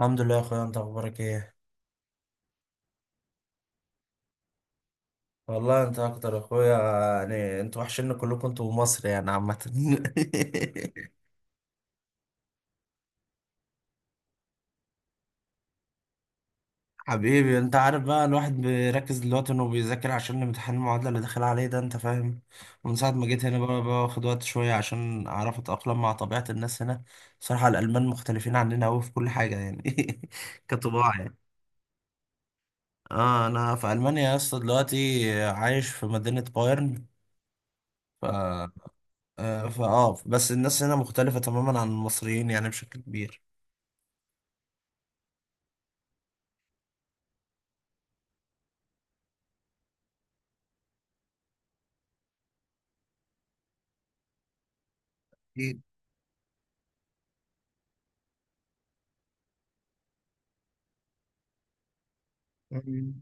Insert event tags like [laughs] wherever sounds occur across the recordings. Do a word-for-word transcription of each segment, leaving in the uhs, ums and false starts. الحمد لله يا اخويا، انت اخبارك ايه؟ والله انت اكتر يا اخويا. يعني انتوا وحشين كلكم، انتوا ومصر يعني عامة. [laughs] حبيبي، انت عارف بقى الواحد بيركز دلوقتي انه بيذاكر عشان امتحان المعادلة اللي داخل عليه ده، انت فاهم. ومن ساعة ما جيت هنا بقى باخد وقت شوية عشان اعرف اتأقلم مع طبيعة الناس هنا. بصراحة الالمان مختلفين عننا قوي في كل حاجة يعني. [laughs] كطباع يعني. اه، انا في المانيا يا اسطى دلوقتي، عايش في مدينة بايرن. آه، فاه بس الناس هنا مختلفة تماما عن المصريين يعني بشكل كبير. أكيد. مم.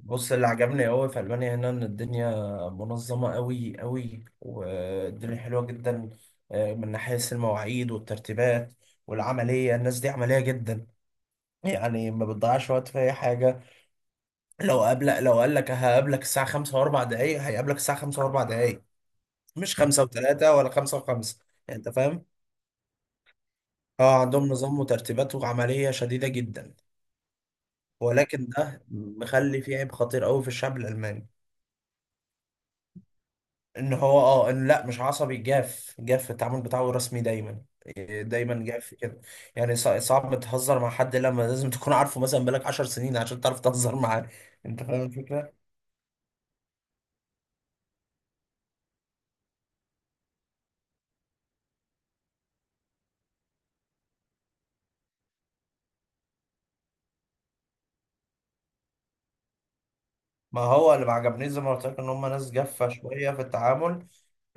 بص، اللي عجبني قوي في ألمانيا هنا إن الدنيا منظمة قوي قوي، والدنيا حلوة جدا. آه، من ناحية المواعيد والترتيبات والعملية، الناس دي عملية جدا، يعني ما بتضيعش وقت في أي حاجة. لو قابلك لو قال لك هقابلك الساعة خمسة وأربع دقايق، هيقابلك الساعة خمسة وأربع دقايق، مش خمسة وتلاتة ولا خمسة وخمسة. يعني أنت فاهم؟ اه، عندهم نظام وترتيبات وعملية شديدة جدا. ولكن ده مخلي فيه عيب خطير قوي في الشعب الالماني. ان هو اه ان لا، مش عصبي، جاف جاف في التعامل بتاعه، رسمي دايما، إيه، دايما جاف كده. يعني صع- صعب تهزر مع حد لما لازم تكون عارفه مثلا بقالك عشر سنين عشان تعرف تهزر معاه. انت فاهم الفكره؟ ما هو اللي ما عجبنيش زي ما قلت لك ان هم ناس جافه شويه في التعامل.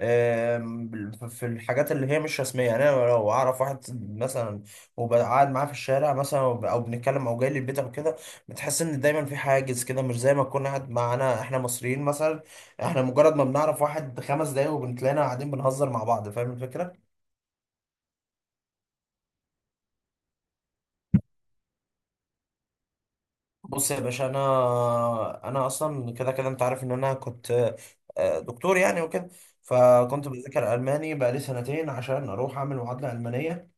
آم، في الحاجات اللي هي مش رسميه يعني، انا لو اعرف واحد مثلا وبقعد معاه في الشارع مثلا وب- او بنتكلم او جاي لي البيت او كده، بتحس ان دايما في حاجز كده، مش زي ما تكون قاعد معانا احنا مصريين مثلا. احنا مجرد ما بنعرف واحد خمس دقايق وبنتلاقينا قاعدين بنهزر مع بعض. فاهم الفكره؟ بص يا باشا، انا انا اصلا كده كده انت عارف ان انا كنت آه، دكتور يعني وكده. فكنت بذاكر الماني بقالي سنتين عشان اروح اعمل معادله المانيه،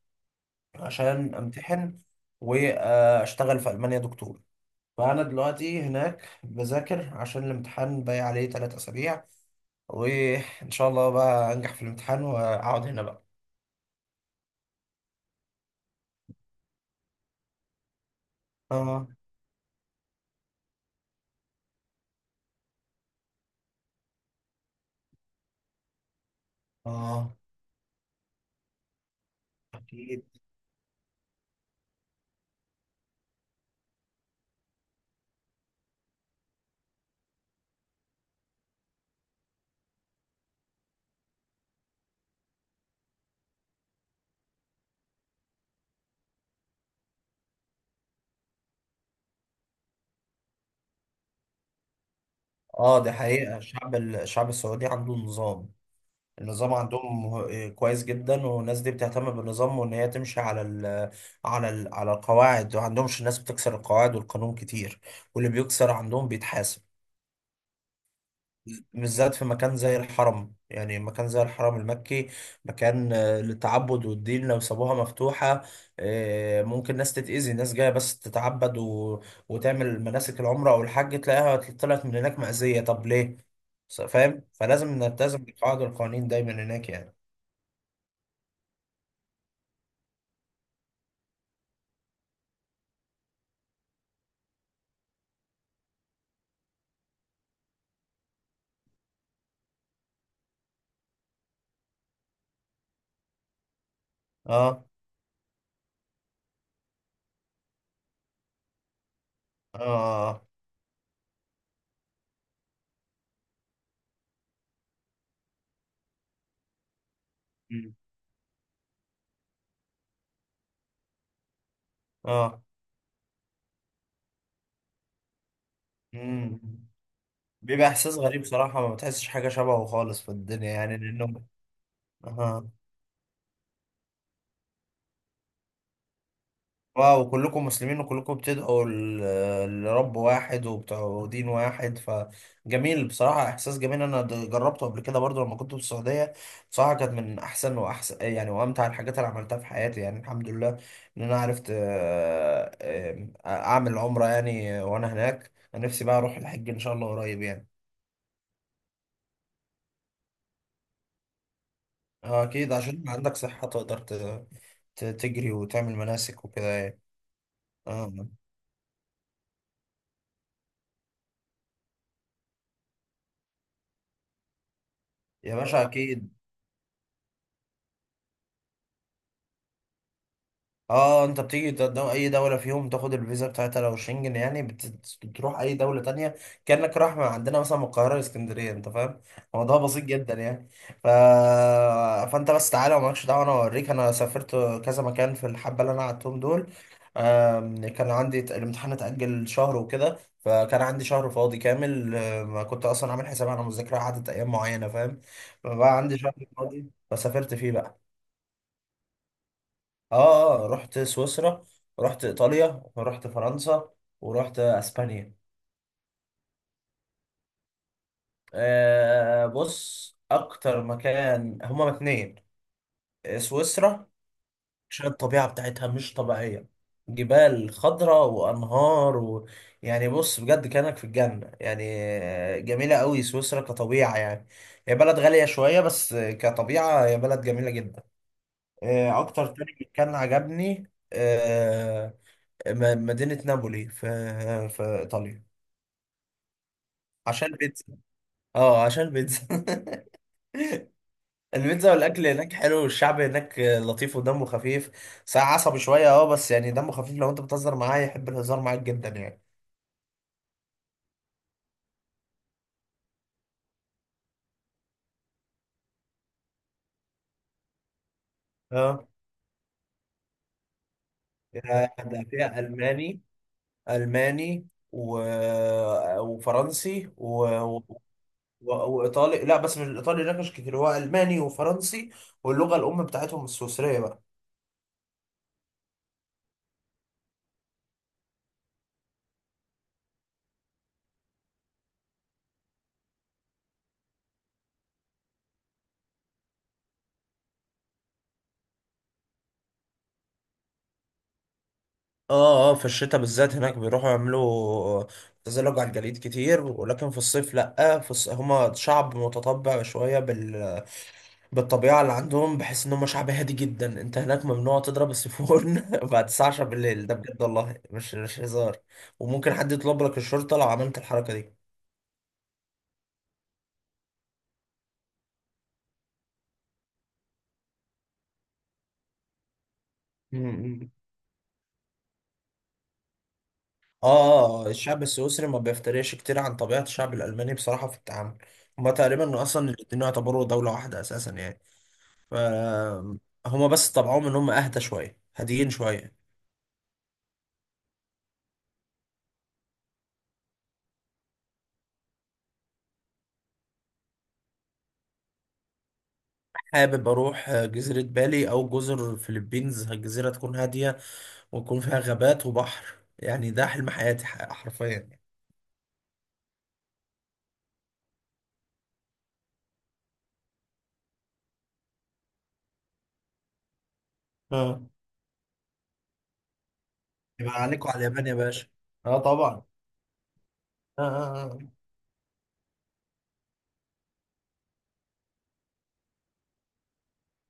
عشان امتحن واشتغل في المانيا دكتور. فانا دلوقتي هناك بذاكر عشان الامتحان، باقي عليه ثلاث اسابيع، وان شاء الله بقى انجح في الامتحان واقعد هنا بقى. اه، اه، اكيد. اه، دي حقيقة، الشعب الشعب السعودي عنده نظام. النظام عندهم مه- كويس جدا، والناس دي بتهتم بالنظام وان هي تمشي على ال على ال على القواعد، وعندهمش الناس بتكسر القواعد والقانون كتير، واللي بيكسر عندهم بيتحاسب، بالذات في مكان زي الحرم. يعني مكان زي الحرم المكي، مكان آه، للتعبد والدين، لو سابوها مفتوحة آه، ممكن ناس تتأذي، ناس جاية بس تتعبد و... وتعمل مناسك العمرة أو الحج، تلاقيها طلعت من هناك مأذية. طب ليه؟ س- فاهم؟ فلازم نلتزم بالقواعد والقوانين دايما هناك يعني. اه، اه، اه. مم. اه. مم. بيبقى إحساس غريب صراحة، ما بتحسش حاجة شبهه خالص في الدنيا يعني، لأنه. اه، واو، كلكم مسلمين وكلكم بتدعوا ل- لرب واحد وبتوع دين واحد. فجميل بصراحة، إحساس جميل. أنا د- جربته قبل كده برضو لما كنت في السعودية. بصراحة كانت من أحسن وأحسن، يعني وأمتع الحاجات اللي عملتها في حياتي يعني، الحمد لله إن أنا عرفت، آه، آم، أعمل عمرة يعني وأنا هناك. أنا نفسي بقى أروح الحج إن شاء الله قريب يعني. آه، أكيد عشان يبقى عندك صحة تقدر ت- ت- تجري وتعمل مناسك وكده يعني. آه. يا باشا أكيد. اه، انت بتيجي ت- دو- اي دولة فيهم تاخد الفيزا بتاعتها، لو شنجن يعني بت- بتروح اي دولة تانية كأنك رايح من عندنا مثلا من القاهرة لاسكندرية. انت فاهم؟ الموضوع بسيط جدا يعني. ف... فانت بس تعالى ومالكش دعوة، انا اوريك. انا سافرت كذا مكان في الحبة اللي انا قعدتهم دول. آم، كان عندي ت- الامتحان اتأجل شهر وكده، فكان عندي شهر فاضي كامل. آم، كنت اصلا عامل حساب على مذاكرة قعدت ايام معينة، فاهم؟ فبقى عندي شهر فاضي فسافرت فيه بقى. اه، اه، رحت سويسرا، رحت ايطاليا، ورحت فرنسا، ورحت اسبانيا. آه بص، اكتر مكان هما اتنين. آه، سويسرا، عشان الطبيعة بتاعتها مش طبيعية، جبال خضراء وانهار. و... يعني بص بجد كانك في الجنة يعني. آه، جميلة قوي سويسرا كطبيعة يعني، هي بلد غالية شوية بس كطبيعة هي بلد جميلة جدا. آه، اكتر تاني كان عجبني، آه، م- مدينة نابولي في في إيطاليا، عشان بيتزا. اه، عشان بيتزا. [laughs] البيتزا والأكل هناك حلو، والشعب هناك لطيف ودمه خفيف. ساعة عصبي شوية اه بس يعني دمه خفيف، لو أنت بتهزر معاه يحب الهزار معاك جدا يعني. اه. يا- ده فيها ألماني، ألماني و... وفرنسي و... و... وإيطالي. لا، بس مش الإيطالي هناك مش كتير، هو ألماني وفرنسي، واللغة الأم بتاعتهم السويسرية بقى. اه، اه، في الشتاء بالذات هناك بيروحوا يعملوا تزلج على الجليد كتير، ولكن في الصيف لأ. في الص... هما شعب متطبع شوية بال... بالطبيعة اللي عندهم، بحس ان هما شعب هادي جدا. انت هناك ممنوع تضرب السيفون [laughs] بعد الساعة عشرة بالليل، ده بجد والله، مش مش هزار، وممكن حد يطلب لك الشرطة لو عملت الحركة دي. مم. اه، الشعب السويسري ما بيفترقش كتير عن طبيعة الشعب الألماني بصراحة في التعامل. هما تقريبا أصلا الاتنين يعتبروا دولة واحدة أساسا يعني. فهما بس طبعهم ان هم اهدى شويه، هاديين شويه. حابب اروح جزيره بالي او جزر فلبينز، الجزيره تكون هاديه ويكون فيها غابات وبحر، يعني ده حلم حياتي ح- حرفيا يعني. اه، يبقى عليكم على اليابان يا باشا. اه، طبعا. آه. آه. آه.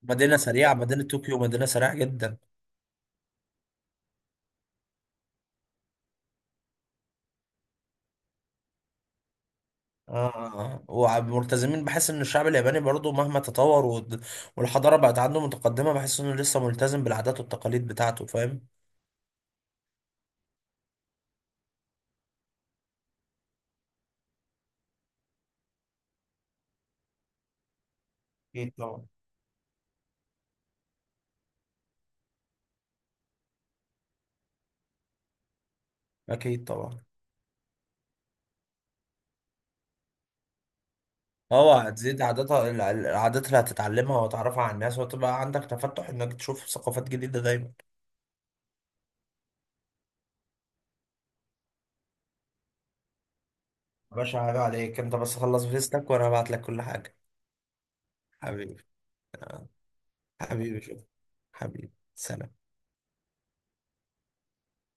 مدينة سريعة مدينة طوكيو مدينة سريعة جدا. آه وملتزمين، بحس ان الشعب الياباني برضو مهما تطور والد- والحضارة بقت عنده متقدمة، بحس انه لسه ملتزم بالعادات والتقاليد بتاعته. فاهم؟ اكيد طبعا. اكيد طبعا. اه، هتزيد عاداتها الع- العادات اللي هتتعلمها وتعرفها على الناس، وتبقى عندك تفتح انك تشوف ثقافات جديدة دايما. يا باشا، حاجة عليك انت، بس خلص فيستك وانا هبعت لك كل حاجة. حبيبي. آه، حبيبي شوف. حبيبي سلام.